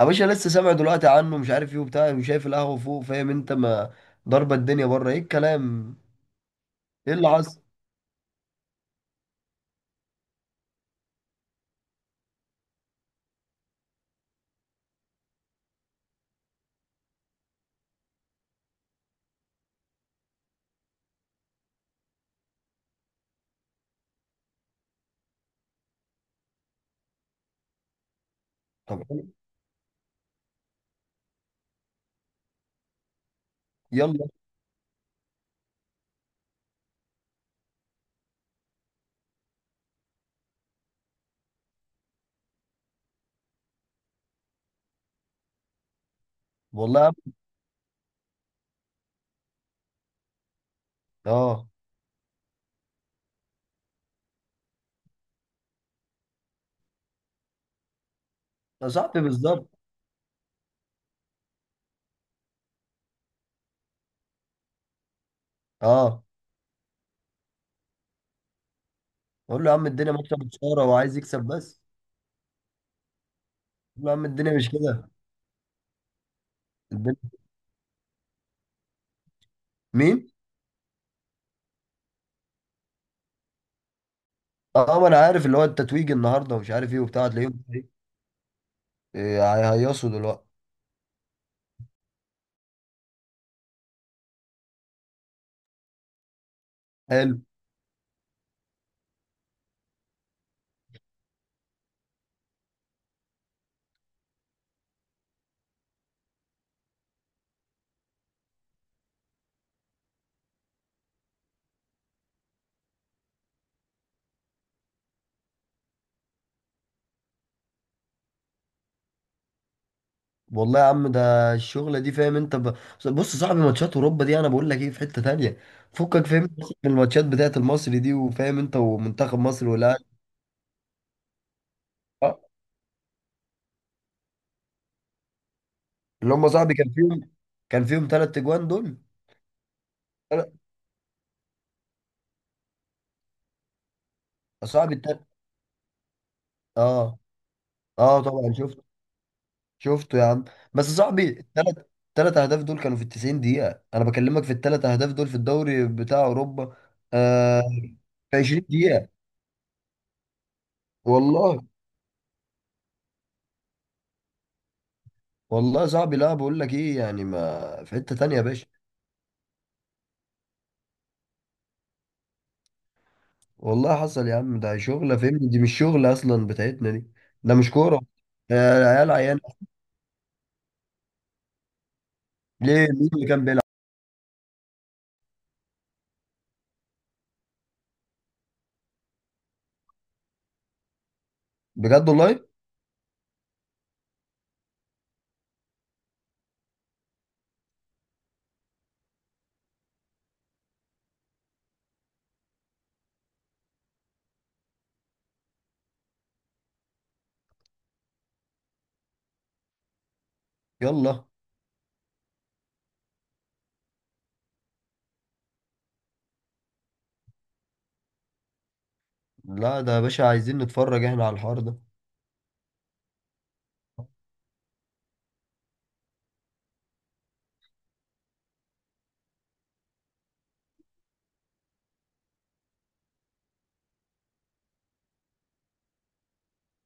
يا باشا لسه سامع دلوقتي عنه، مش عارف ايه وبتاع، وشايف القهوة فوق. فاهم انت؟ ما ضربة الدنيا بره، ايه الكلام؟ ايه اللي حصل؟ طب حلو، يلا. والله يا عم. اه يا صاحبي بالظبط. اه. اقول له يا عم الدنيا ماشيه بشاره وعايز يكسب بس. اقول له يا عم الدنيا مش كده. الدنيا. مين؟ اه ما انا عارف اللي هو التتويج النهارده ومش عارف ايه وبتاع، تلاقيهم ايه هيهيصوا دلوقتي. حلو. والله يا عم، ده الشغلة دي فاهم انت بص، صاحب ماتشات اوروبا دي انا بقول لك ايه، في حتة تانية. فكك فاهم، بس من الماتشات بتاعت المصري دي، وفاهم انت، ومنتخب مصر والاهلي. اه، اللي هم صاحبي كان فيهم، كان فيهم ثلاث اجوان دول. تلات- صاحبي اه. اه طبعا شفت. شفته يا عم. بس صاحبي الثلاث، ثلاث اهداف دول كانوا في ال 90 دقيقة. انا بكلمك في الثلاث اهداف دول في الدوري بتاع اوروبا. آه في 20 دقيقة. والله. والله يا صاحبي، لا بقول لك ايه، يعني ما في حتة تانية يا باشا. والله حصل يا عم، ده شغلة فهمني دي مش شغلة أصلا بتاعتنا دي. ده مش كورة. العيال عيانة. ليه؟ مين اللي كان بيلعب؟ بجد والله. يلا. لا ده يا باشا عايزين نتفرج احنا على الحوار ده.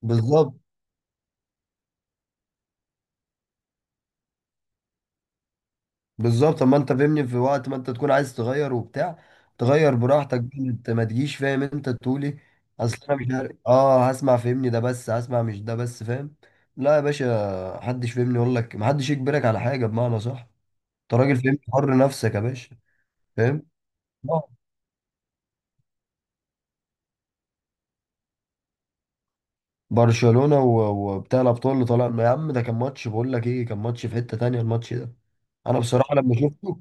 بالظبط. بالظبط. طب ما انت فهمني في وقت ما انت تكون عايز تغير وبتاع، تغير براحتك بقى، انت ما تجيش. فاهم انت؟ تقولي اصل انا مش عارف، اه هسمع فهمني ده بس، هسمع مش ده بس. فاهم؟ لا يا باشا، محدش فهمني يقول لك، محدش يجبرك على حاجة بمعنى صح. انت راجل فهمني حر نفسك يا باشا. فاهم. برشلونة وبتاع الأبطال اللي طالع يا عم، ده كان ماتش بقول لك إيه، كان ماتش في حتة تانية الماتش ده. أنا بصراحة لما شفته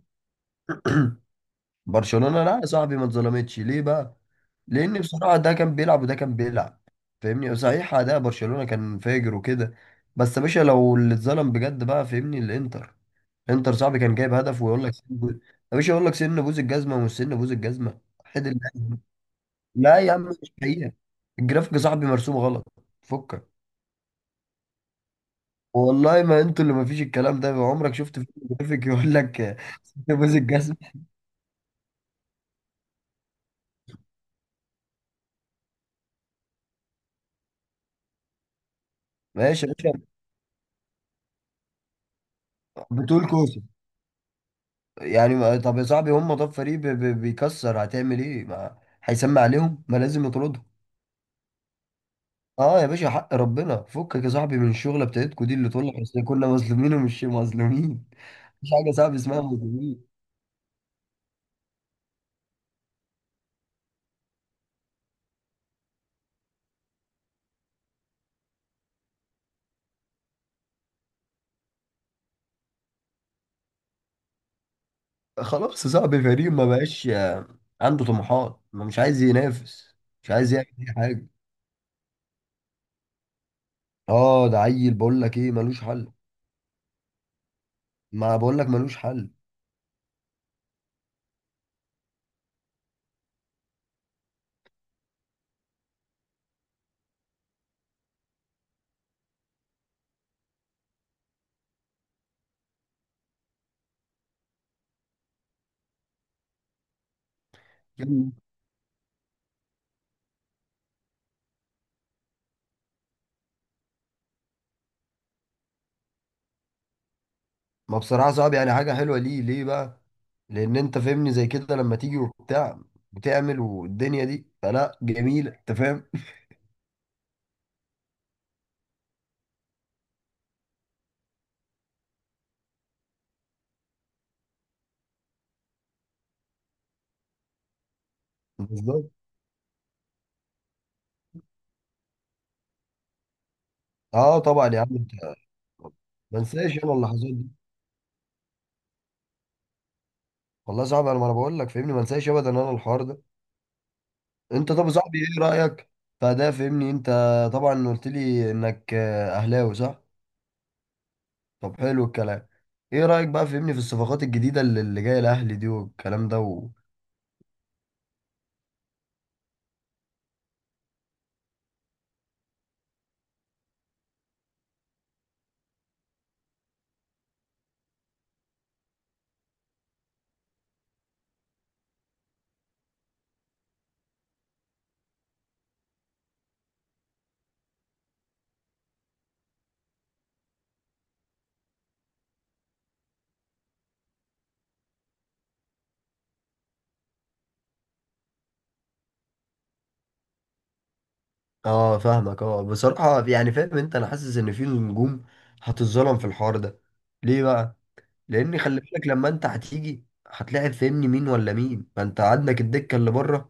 برشلونة لا يا صاحبي ما اتظلمتش. ليه بقى؟ لأن بصراحة ده كان بيلعب وده كان بيلعب. فاهمني، صحيح أداء برشلونة كان فاجر وكده، بس يا باشا لو اللي اتظلم بجد بقى فاهمني الإنتر. إنتر صاحبي كان جايب هدف ويقول لك يا باشا يقول لك سن بوز الجزمة ومش سن بوز الجزمة. حد اللي. لا يا عم مش حقيقة، الجرافيك يا صاحبي مرسوم غلط. فكك. والله ما انتوا اللي ما فيش الكلام ده. عمرك شفت فيلم جرافيك يقول لك ست بوز الجزمه؟ ماشي يا باشا. بتقول كوسه، يعني طب يا صاحبي هم، طب فريق بيكسر هتعمل ايه؟ ما هيسمع عليهم، ما لازم يطردهم. اه يا باشا حق ربنا. فكك يا صاحبي من الشغله بتاعتكوا دي اللي تقول لك اصل كنا مظلومين ومش مظلومين. مفيش حاجه يا صاحبي اسمها مظلومين. خلاص يا صاحبي، فريق ما بقاش عنده طموحات، ما مش عايز ينافس، مش عايز يعمل اي حاجه. اه ده عيل بقول لك ايه، ملوش حل. ما بقول لك ملوش حل. مم. ما بصراحة صعب، يعني حاجة حلوة ليه ليه بقى؟ لأن أنت فاهمني زي كده لما تيجي وبتاع، بتعمل والدنيا دي فلا جميلة. أنت فاهم؟ بالظبط. أه طبعا يا عم أنت، ما انساش أنا اللحظات دي. والله صعب، أنا ما أنا بقول لك فاهمني ما انساش أبدا أنا الحوار ده. أنت طب يا صاحبي إيه رأيك؟ فده فاهمني أنت، طبعا قلت لي إنك أهلاوي صح؟ طب حلو الكلام. إيه رأيك بقى فاهمني في الصفقات الجديدة اللي جاية الأهلي دي والكلام ده؟ اه فاهمك. اه بصراحة يعني فاهم انت، انا حاسس ان في نجوم هتتظلم في الحوار ده. ليه بقى؟ لان خلي بالك لما انت هتيجي هتلاعب فاهمني مين ولا مين، ما انت عندك الدكة اللي بره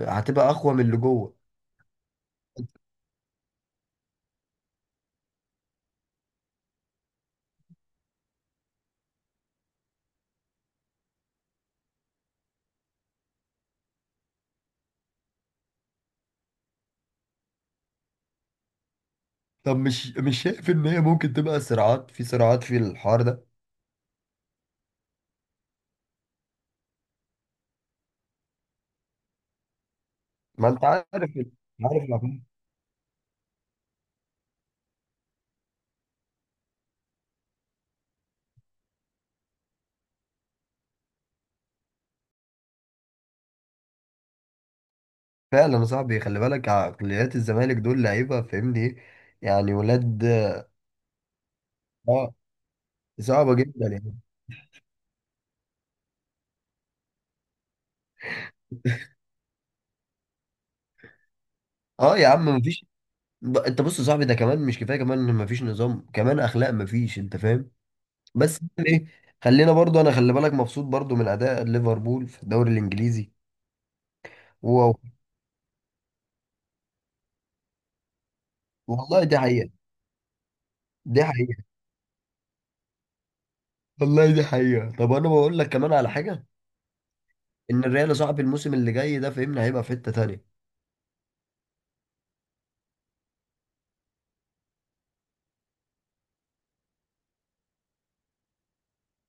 هتبقى اقوى من اللي جوه. طب مش شايف ان هي ممكن تبقى صراعات، في صراعات في الحوار ده؟ ما انت عارف ال- عارف العقلية. فعلا يا صاحبي، خلي بالك عقليات الزمالك دول لعيبة فاهمني ايه، يعني ولاد. اه. صعبة جدا يعني. اه يا عم مفيش. انت بص يا صاحبي، ده كمان مش كفايه، كمان ان مفيش نظام، كمان اخلاق مفيش. انت فاهم؟ بس يعني ايه. خلينا برضو، انا خلي بالك مبسوط برضو من اداء ليفربول في الدوري الانجليزي. واو. والله دي حقيقه. دي حقيقه. والله دي حقيقه. طب انا بقول لك كمان على حاجه، ان الريال يا صاحبي الموسم اللي جاي ده فهمني هيبقى في حته تانيه.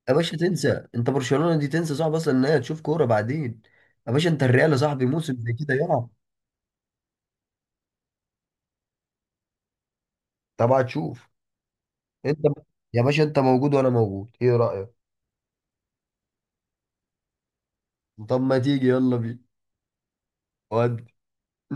يا باشا تنسى، انت برشلونه دي تنسى، صعب اصلا ان هي تشوف كوره بعدين. يا باشا انت الريال يا صاحبي موسم زي كده يلعب. طبعا تشوف. انت يا باشا انت موجود وانا موجود، ايه رايك؟ طب ما تيجي يلا بينا. ودي